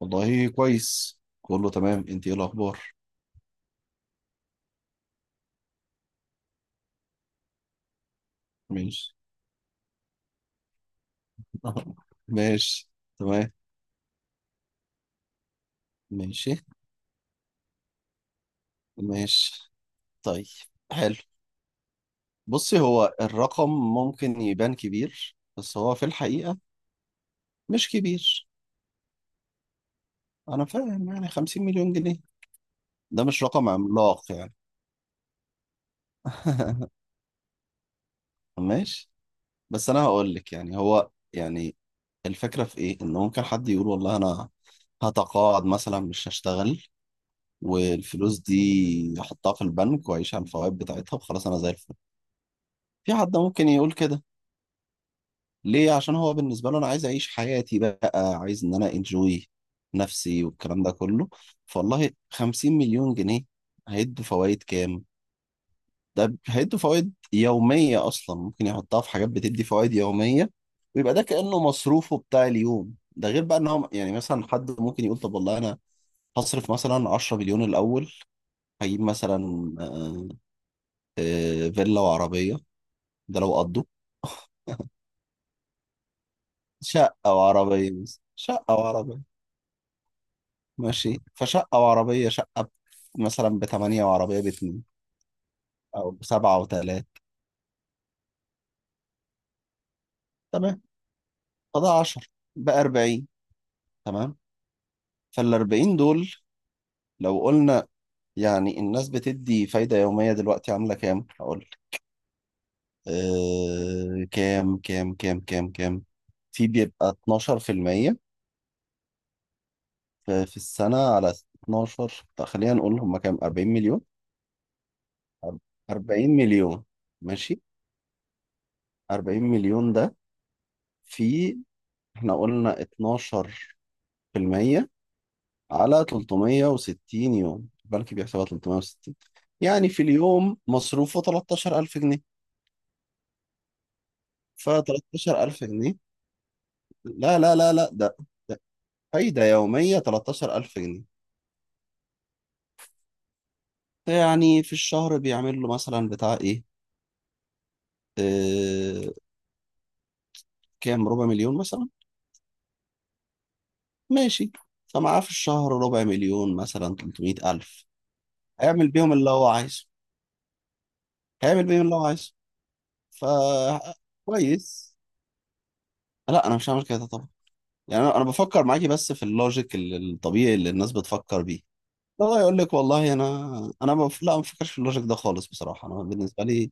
والله كويس، كله تمام. انت ايه الاخبار؟ ماشي. ماشي. تمام. ماشي. ماشي، طيب، حلو. بصي، هو الرقم ممكن يبان كبير، بس هو في الحقيقة مش كبير. انا فاهم، يعني 50 مليون جنيه ده مش رقم عملاق يعني. ماشي. بس انا هقول لك، يعني هو يعني الفكرة في ايه، ان ممكن حد يقول والله انا هتقاعد مثلا مش هشتغل، والفلوس دي احطها في البنك واعيش على الفوائد بتاعتها وخلاص انا زي الفل. في حد ممكن يقول كده، ليه؟ عشان هو بالنسبه له انا عايز اعيش حياتي بقى، عايز ان انا انجوي نفسي والكلام ده كله. فوالله 50 مليون جنيه هيدوا فوائد كام؟ ده هيدوا فوائد يوميه اصلا، ممكن يحطها في حاجات بتدي فوائد يوميه، ويبقى ده كانه مصروفه بتاع اليوم ده. غير بقى ان هو يعني مثلا حد ممكن يقول طب والله انا هصرف مثلا 10 مليون الاول. هجيب مثلا آه، فيلا وعربية. ده لو قضوا شقة وعربية، بس شقة وعربية. ماشي، فشقة وعربية. مثلا بتمانية، وعربية باتنين. أو بسبعة وتلاتة. تمام. فده 10، بقى 40. تمام. فالأربعين دول لو قلنا يعني الناس بتدي فايدة يومية دلوقتي عاملة كام؟ هقول لك. كام. في، بيبقى 12% في المية، في السنة. على 12. طب خلينا نقول هم كام، 40 مليون. أر- 40 مليون. ماشي. 40 مليون ده، في، احنا قلنا 12% على 360 يوم، البنك بيحسبها 360. يعني في اليوم مصروفه 13000 جنيه. ف 13000 جنيه. لا لا لا لا، ده فايدة يومية 13000 جنيه. يعني في الشهر بيعمل له مثلا بتاع ايه، اه كام، ربع مليون مثلا. ماشي. فمعاه في الشهر ربع مليون مثلا، 300000. هيعمل بيهم اللي هو عايزه. هيعمل بيه اللي هو عايزه. ف، كويس. لا، انا مش هعمل كده طبعا. يعني انا بفكر معاكي بس في اللوجيك الطبيعي اللي الناس بتفكر بيه. لا يقول لك والله انا، انا ما بف... لا، ما بفكرش في اللوجيك ده خالص بصراحه. انا بالنسبه لي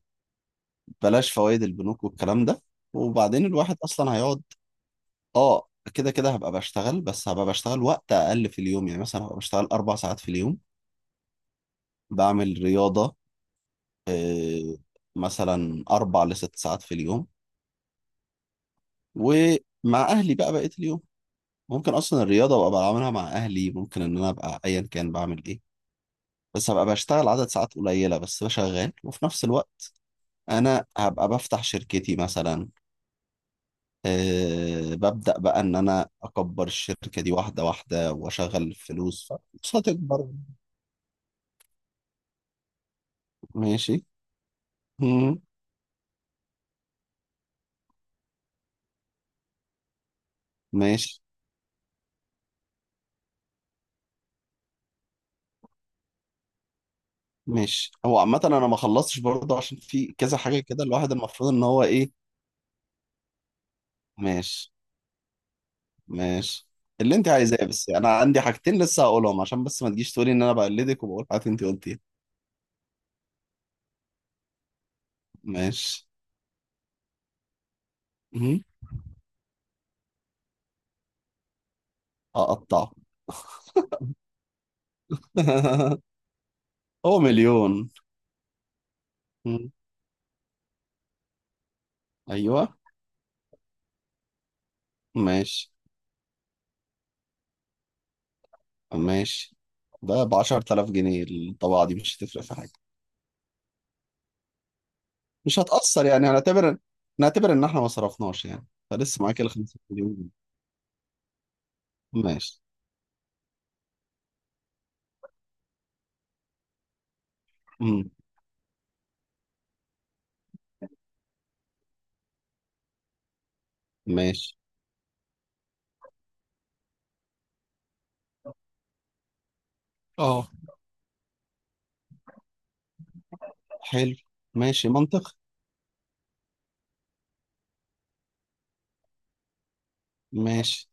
بلاش فوائد البنوك والكلام ده. وبعدين الواحد اصلا هيقعد. اه كده كده هبقى بشتغل، بس هبقى بشتغل وقت اقل في اليوم. يعني مثلا هبقى بشتغل 4 ساعات في اليوم، بعمل رياضه. آه، مثلا اربع لست ساعات في اليوم، ومع اهلي بقى بقيه اليوم. ممكن اصلا الرياضه ابقى بعملها مع اهلي. ممكن ان انا ابقى ايا كان بعمل ايه، بس هبقى بشتغل عدد ساعات قليله بس بشغال. وفي نفس الوقت انا هبقى بفتح شركتي مثلا. ببدا بقى ان انا اكبر الشركه دي واحده واحده واشغل فلوس. فهتكبر. ماشي. مم. ماشي. ماشي، هو عامه انا ما خلصتش برضه، عشان في كذا حاجه كده الواحد المفروض ان هو ايه. ماشي. ماشي، اللي انت عايزاه بس يعني. انا عندي حاجتين لسه هقولهم عشان بس ما تجيش تقولي ان انا بقلدك وبقول حاجات انت قلتيها. ماشي. مهم. هقطعه. هو مليون. مم. ايوه. ماشي. ماشي، ده ب 10000 جنيه الطباعة دي، مش هتفرق في حاجة. مش هتأثر، يعني هنعتبر، نعتبر ان احنا ما صرفناش يعني فلسه، معاك ال 50 مليون جنيه. ماشي. مم. ماشي. اه، حلو. ماشي، منطق. ماشي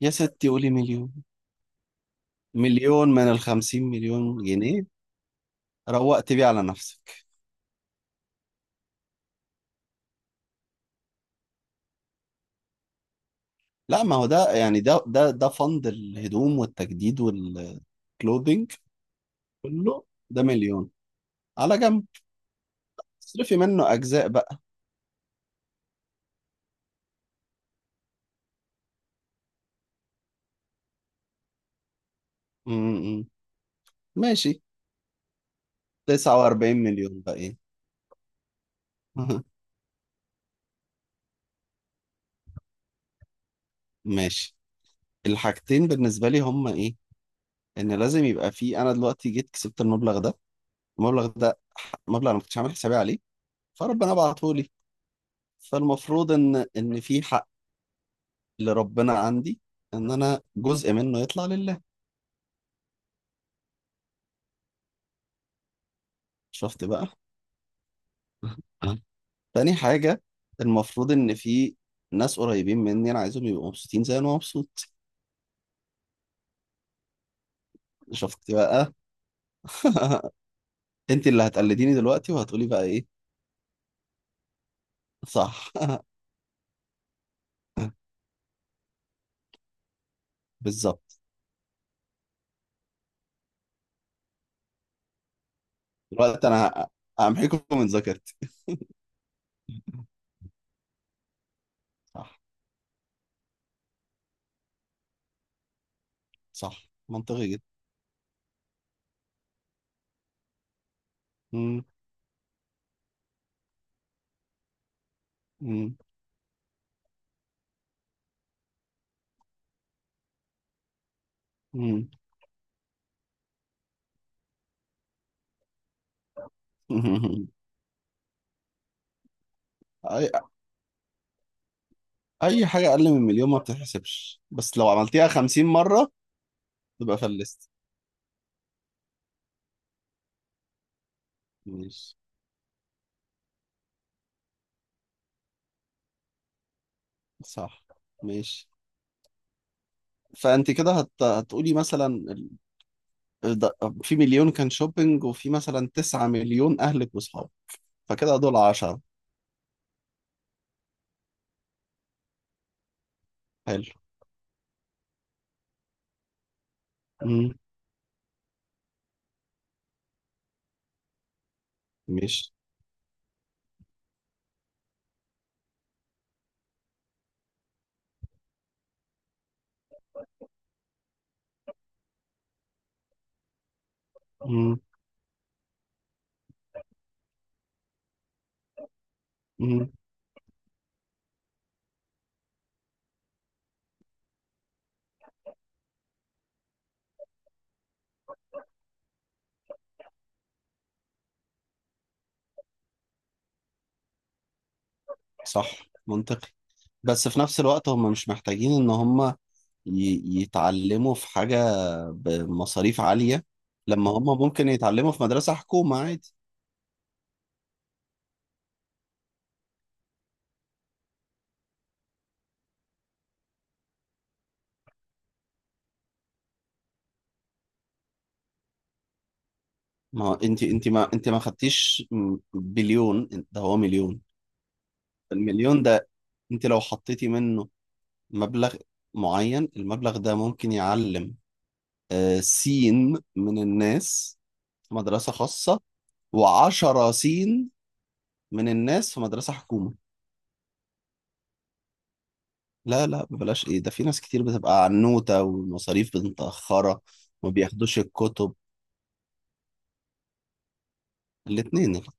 يا ستي قولي مليون. مليون من الخمسين مليون جنيه. روقت بيه على نفسك. لا ما هو ده يعني ده فند الهدوم والتجديد والكلودينج كله. ده مليون على جنب. اصرفي منه أجزاء بقى. م-م. ماشي. 49 مليون بقى ايه. ماشي. الحاجتين بالنسبة لي هما ايه، ان لازم يبقى في. انا دلوقتي جيت كسبت المبلغ ده. المبلغ ده، مبلغ انا ما كنتش عامل حسابي عليه، فربنا بعته لي. فالمفروض ان في حق اللي ربنا عندي، ان انا جزء منه يطلع لله. شفت بقى. تاني حاجة، المفروض ان في ناس قريبين مني انا عايزهم يبقوا مبسوطين زي انا مبسوط. شفت بقى. انت اللي هتقلديني دلوقتي، وهتقولي بقى ايه. صح. بالظبط. دلوقتي انا همحيكم من ذاكرتي. صح. صح، منطقي جدا. مم. مم. مم. اي، اي حاجه اقل من مليون ما بتتحسبش، بس لو عملتيها 50 مره تبقى فلست. ماشي. صح. ماشي. فانت كده هتقولي مثلا ال- ده- في مليون كان شوبينج، وفي مثلا 9 مليون اهلك واصحابك. فكده دول 10. حلو. امم. ماشي. امم. امم. صح، منطقي. بس في نفس الوقت هم مش محتاجين ان هم يتعلموا في حاجة بمصاريف عالية، لما هم ممكن يتعلموا في مدرسة حكومة عادي. ما هو انت ما خدتيش، بليون؟ ده هو مليون. المليون ده انت لو حطيتي منه مبلغ معين، المبلغ ده ممكن يعلم سين من الناس في مدرسة خاصة، وعشرة سين من الناس في مدرسة حكومة. لا لا، بلاش ايه ده، في ناس كتير بتبقى عنوتة والمصاريف متأخرة، ما بياخدوش الكتب. الاتنين الاتنين.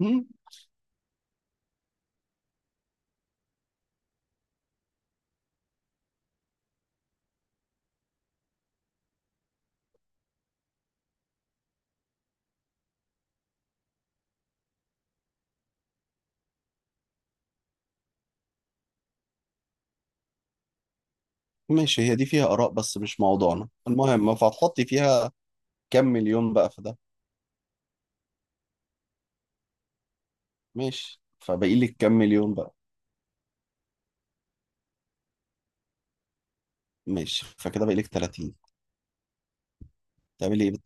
مم، ماشي. هي دي فيها آراء بس مش موضوعنا المهم. فهتحطي فيها كام مليون بقى في ده. ماشي. فباقي لك كام مليون بقى. ماشي، فكده باقي لك 30. تعملي ايه بال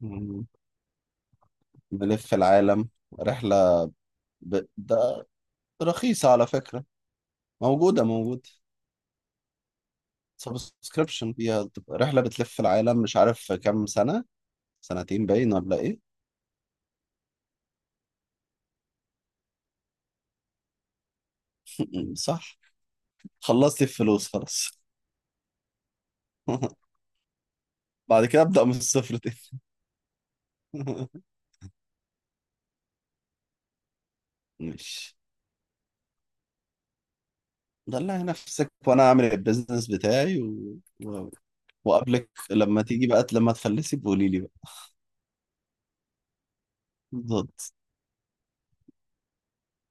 30؟ بنلف العالم، رحلة. ده رخيصة على فكرة. موجودة موجودة. سبسكريبشن فيها تبقى رحلة بتلف العالم مش عارف كام سنة. سنتين باين ولا ايه. صح. خلصت الفلوس خلاص. بعد كده أبدأ من الصفر تاني. مش. دلع نفسك وانا اعمل البيزنس بتاعي و... و... وقبلك لما تيجي بقى، لما تفلسي بقولي لي بقى. بالظبط.